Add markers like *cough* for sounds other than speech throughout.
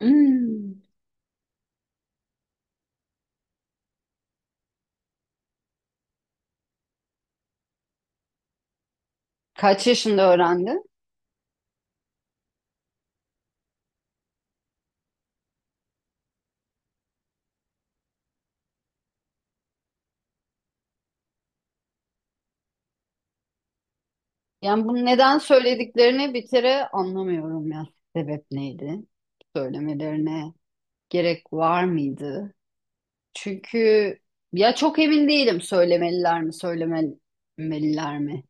Hmm. Kaç yaşında öğrendi? Yani bunu neden söylediklerini bir kere anlamıyorum ya. Sebep neydi? Söylemelerine gerek var mıydı? Çünkü ya çok emin değilim söylemeliler mi, söylememeliler mi?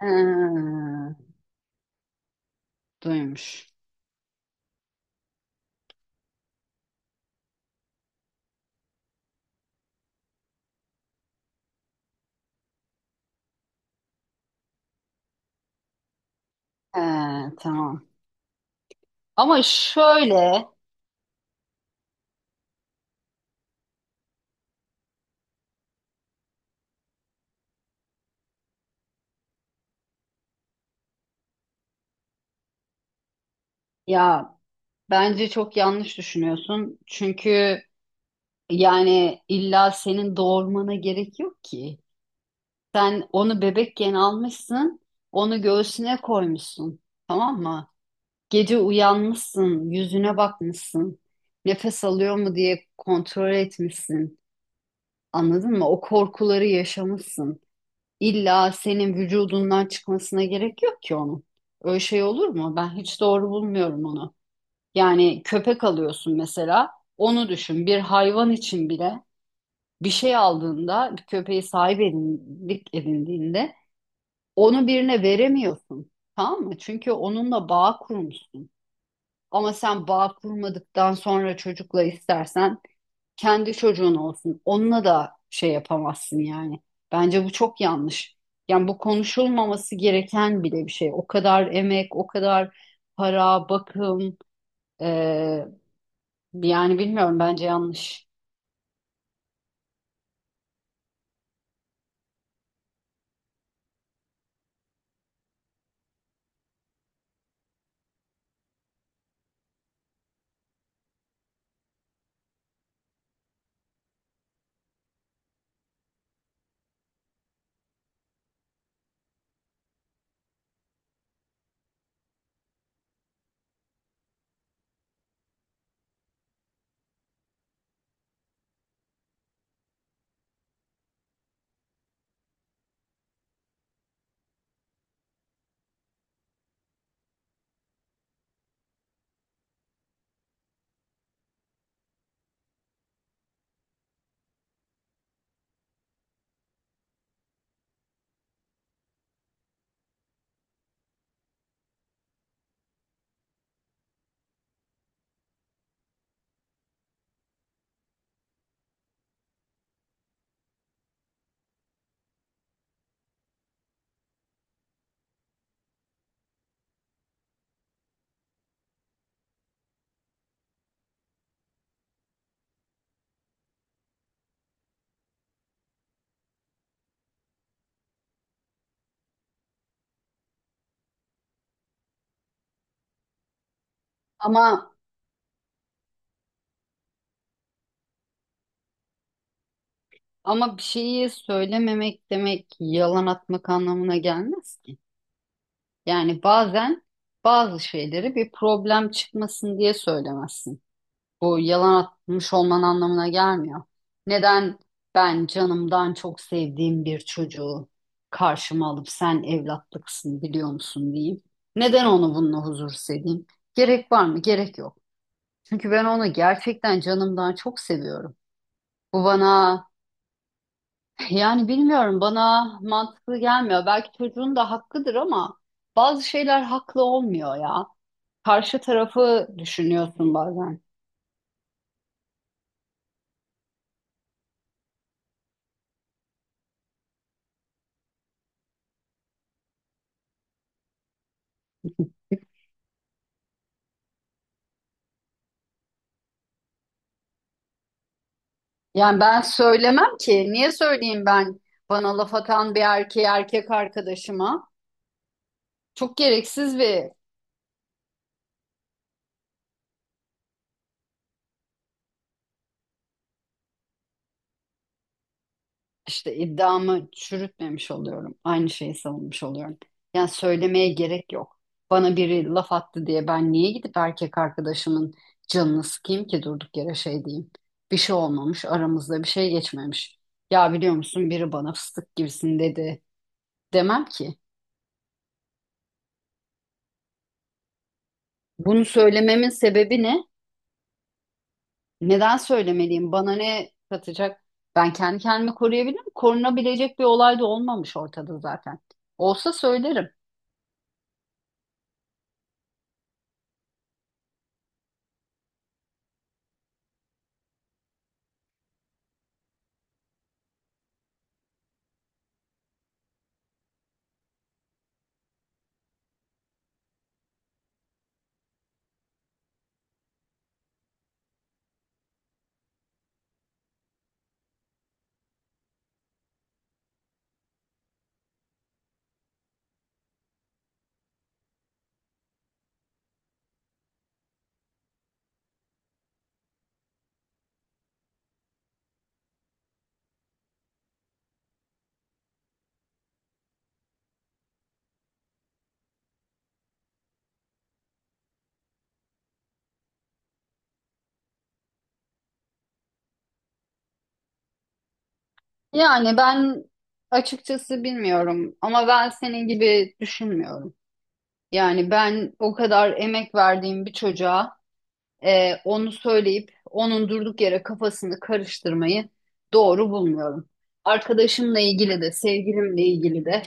Ha, duymuş. Ha, tamam. Ama şöyle ya bence çok yanlış düşünüyorsun. Çünkü yani illa senin doğurmana gerek yok ki. Sen onu bebekken almışsın, onu göğsüne koymuşsun, tamam mı? Gece uyanmışsın, yüzüne bakmışsın, nefes alıyor mu diye kontrol etmişsin. Anladın mı? O korkuları yaşamışsın. İlla senin vücudundan çıkmasına gerek yok ki onun. Öyle şey olur mu? Ben hiç doğru bulmuyorum onu. Yani köpek alıyorsun mesela, onu düşün. Bir hayvan için bile bir şey aldığında, bir köpeği sahip edindiğinde onu birine veremiyorsun. Tamam mı? Çünkü onunla bağ kurmuşsun. Ama sen bağ kurmadıktan sonra çocukla istersen kendi çocuğun olsun. Onunla da şey yapamazsın yani. Bence bu çok yanlış. Yani bu konuşulmaması gereken bile bir şey. O kadar emek, o kadar para, bakım, eee, yani bilmiyorum bence yanlış. Ama ama bir şeyi söylememek demek yalan atmak anlamına gelmez ki. Yani bazen bazı şeyleri bir problem çıkmasın diye söylemezsin. Bu yalan atmış olman anlamına gelmiyor. Neden ben canımdan çok sevdiğim bir çocuğu karşıma alıp sen evlatlıksın biliyor musun diyeyim. Neden onu bununla huzursuz edeyim? Gerek var mı? Gerek yok. Çünkü ben onu gerçekten canımdan çok seviyorum. Bu bana *laughs* yani bilmiyorum bana mantıklı gelmiyor. Belki çocuğun da hakkıdır ama bazı şeyler haklı olmuyor ya. Karşı tarafı düşünüyorsun bazen. Yani ben söylemem ki. Niye söyleyeyim ben bana laf atan bir erkeği erkek arkadaşıma? Çok gereksiz bir işte iddiamı çürütmemiş oluyorum. Aynı şeyi savunmuş oluyorum. Yani söylemeye gerek yok. Bana biri laf attı diye ben niye gidip erkek arkadaşımın canını sıkayım ki durduk yere şey diyeyim. Bir şey olmamış, aramızda bir şey geçmemiş. Ya biliyor musun biri bana fıstık gibisin dedi demem ki. Bunu söylememin sebebi ne? Neden söylemeliyim? Bana ne katacak? Ben kendi kendimi koruyabilirim. Korunabilecek bir olay da olmamış ortada zaten. Olsa söylerim. Yani ben açıkçası bilmiyorum ama ben senin gibi düşünmüyorum. Yani ben o kadar emek verdiğim bir çocuğa onu söyleyip onun durduk yere kafasını karıştırmayı doğru bulmuyorum. Arkadaşımla ilgili de sevgilimle ilgili de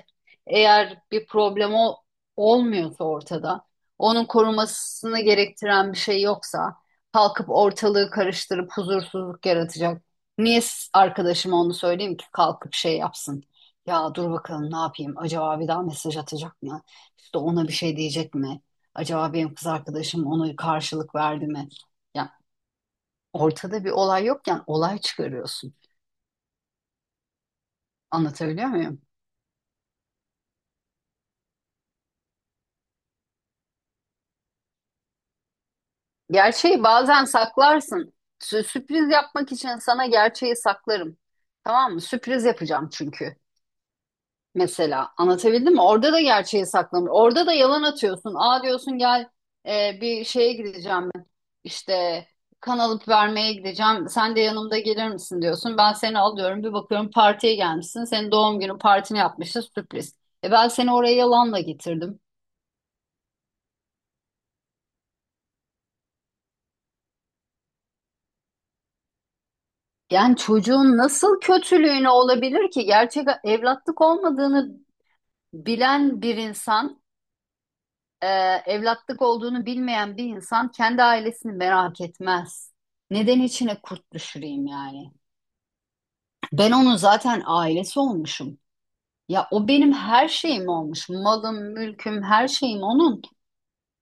eğer bir problem olmuyorsa ortada, onun korumasını gerektiren bir şey yoksa kalkıp ortalığı karıştırıp huzursuzluk yaratacak. Niye arkadaşıma onu söyleyeyim ki kalkıp şey yapsın? Ya dur bakalım ne yapayım? Acaba bir daha mesaj atacak mı? İşte ona bir şey diyecek mi? Acaba benim kız arkadaşım ona karşılık verdi mi? Ya ortada bir olay yokken olay çıkarıyorsun. Anlatabiliyor muyum? Gerçeği bazen saklarsın. Sürpriz yapmak için sana gerçeği saklarım. Tamam mı? Sürpriz yapacağım çünkü. Mesela anlatabildim mi? Orada da gerçeği saklamıyor, orada da yalan atıyorsun. Aa diyorsun gel bir şeye gideceğim ben. İşte kan alıp vermeye gideceğim. Sen de yanımda gelir misin diyorsun. Ben seni alıyorum. Bir bakıyorum partiye gelmişsin. Senin doğum günü partini yapmışız sürpriz. E ben seni oraya yalanla getirdim. Yani çocuğun nasıl kötülüğüne olabilir ki? Gerçek evlatlık olmadığını bilen bir insan e, evlatlık olduğunu bilmeyen bir insan kendi ailesini merak etmez. Neden içine kurt düşüreyim yani? Ben onun zaten ailesi olmuşum. Ya o benim her şeyim olmuş. Malım, mülküm, her şeyim onun.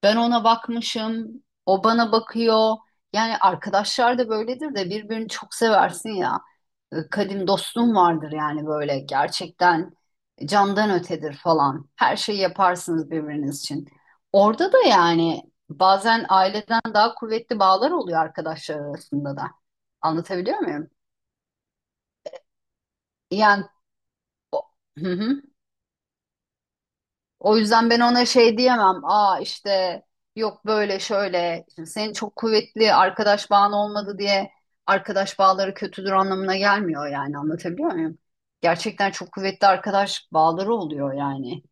Ben ona bakmışım, o bana bakıyor. Yani arkadaşlar da böyledir de birbirini çok seversin ya. Kadim dostluğun vardır yani böyle gerçekten candan ötedir falan. Her şeyi yaparsınız birbiriniz için. Orada da yani bazen aileden daha kuvvetli bağlar oluyor arkadaşlar arasında da. Anlatabiliyor muyum? Yani o- *laughs* O yüzden ben ona şey diyemem. Aa işte yok böyle şöyle. Şimdi senin çok kuvvetli arkadaş bağın olmadı diye arkadaş bağları kötüdür anlamına gelmiyor yani anlatabiliyor muyum? Gerçekten çok kuvvetli arkadaş bağları oluyor yani.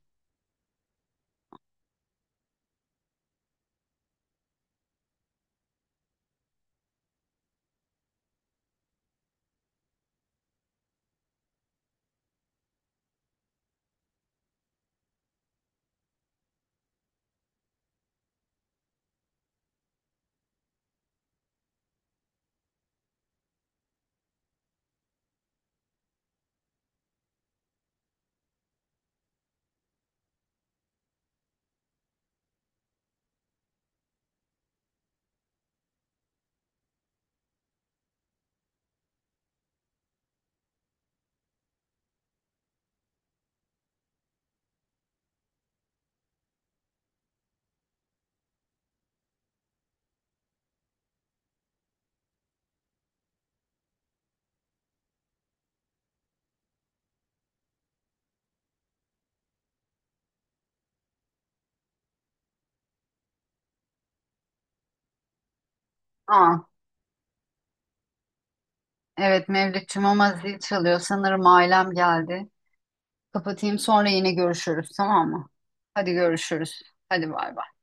Aa evet Mevlütçüm ama zil çalıyor. Sanırım ailem geldi. Kapatayım sonra yine görüşürüz tamam mı? Hadi görüşürüz. Hadi bay bay.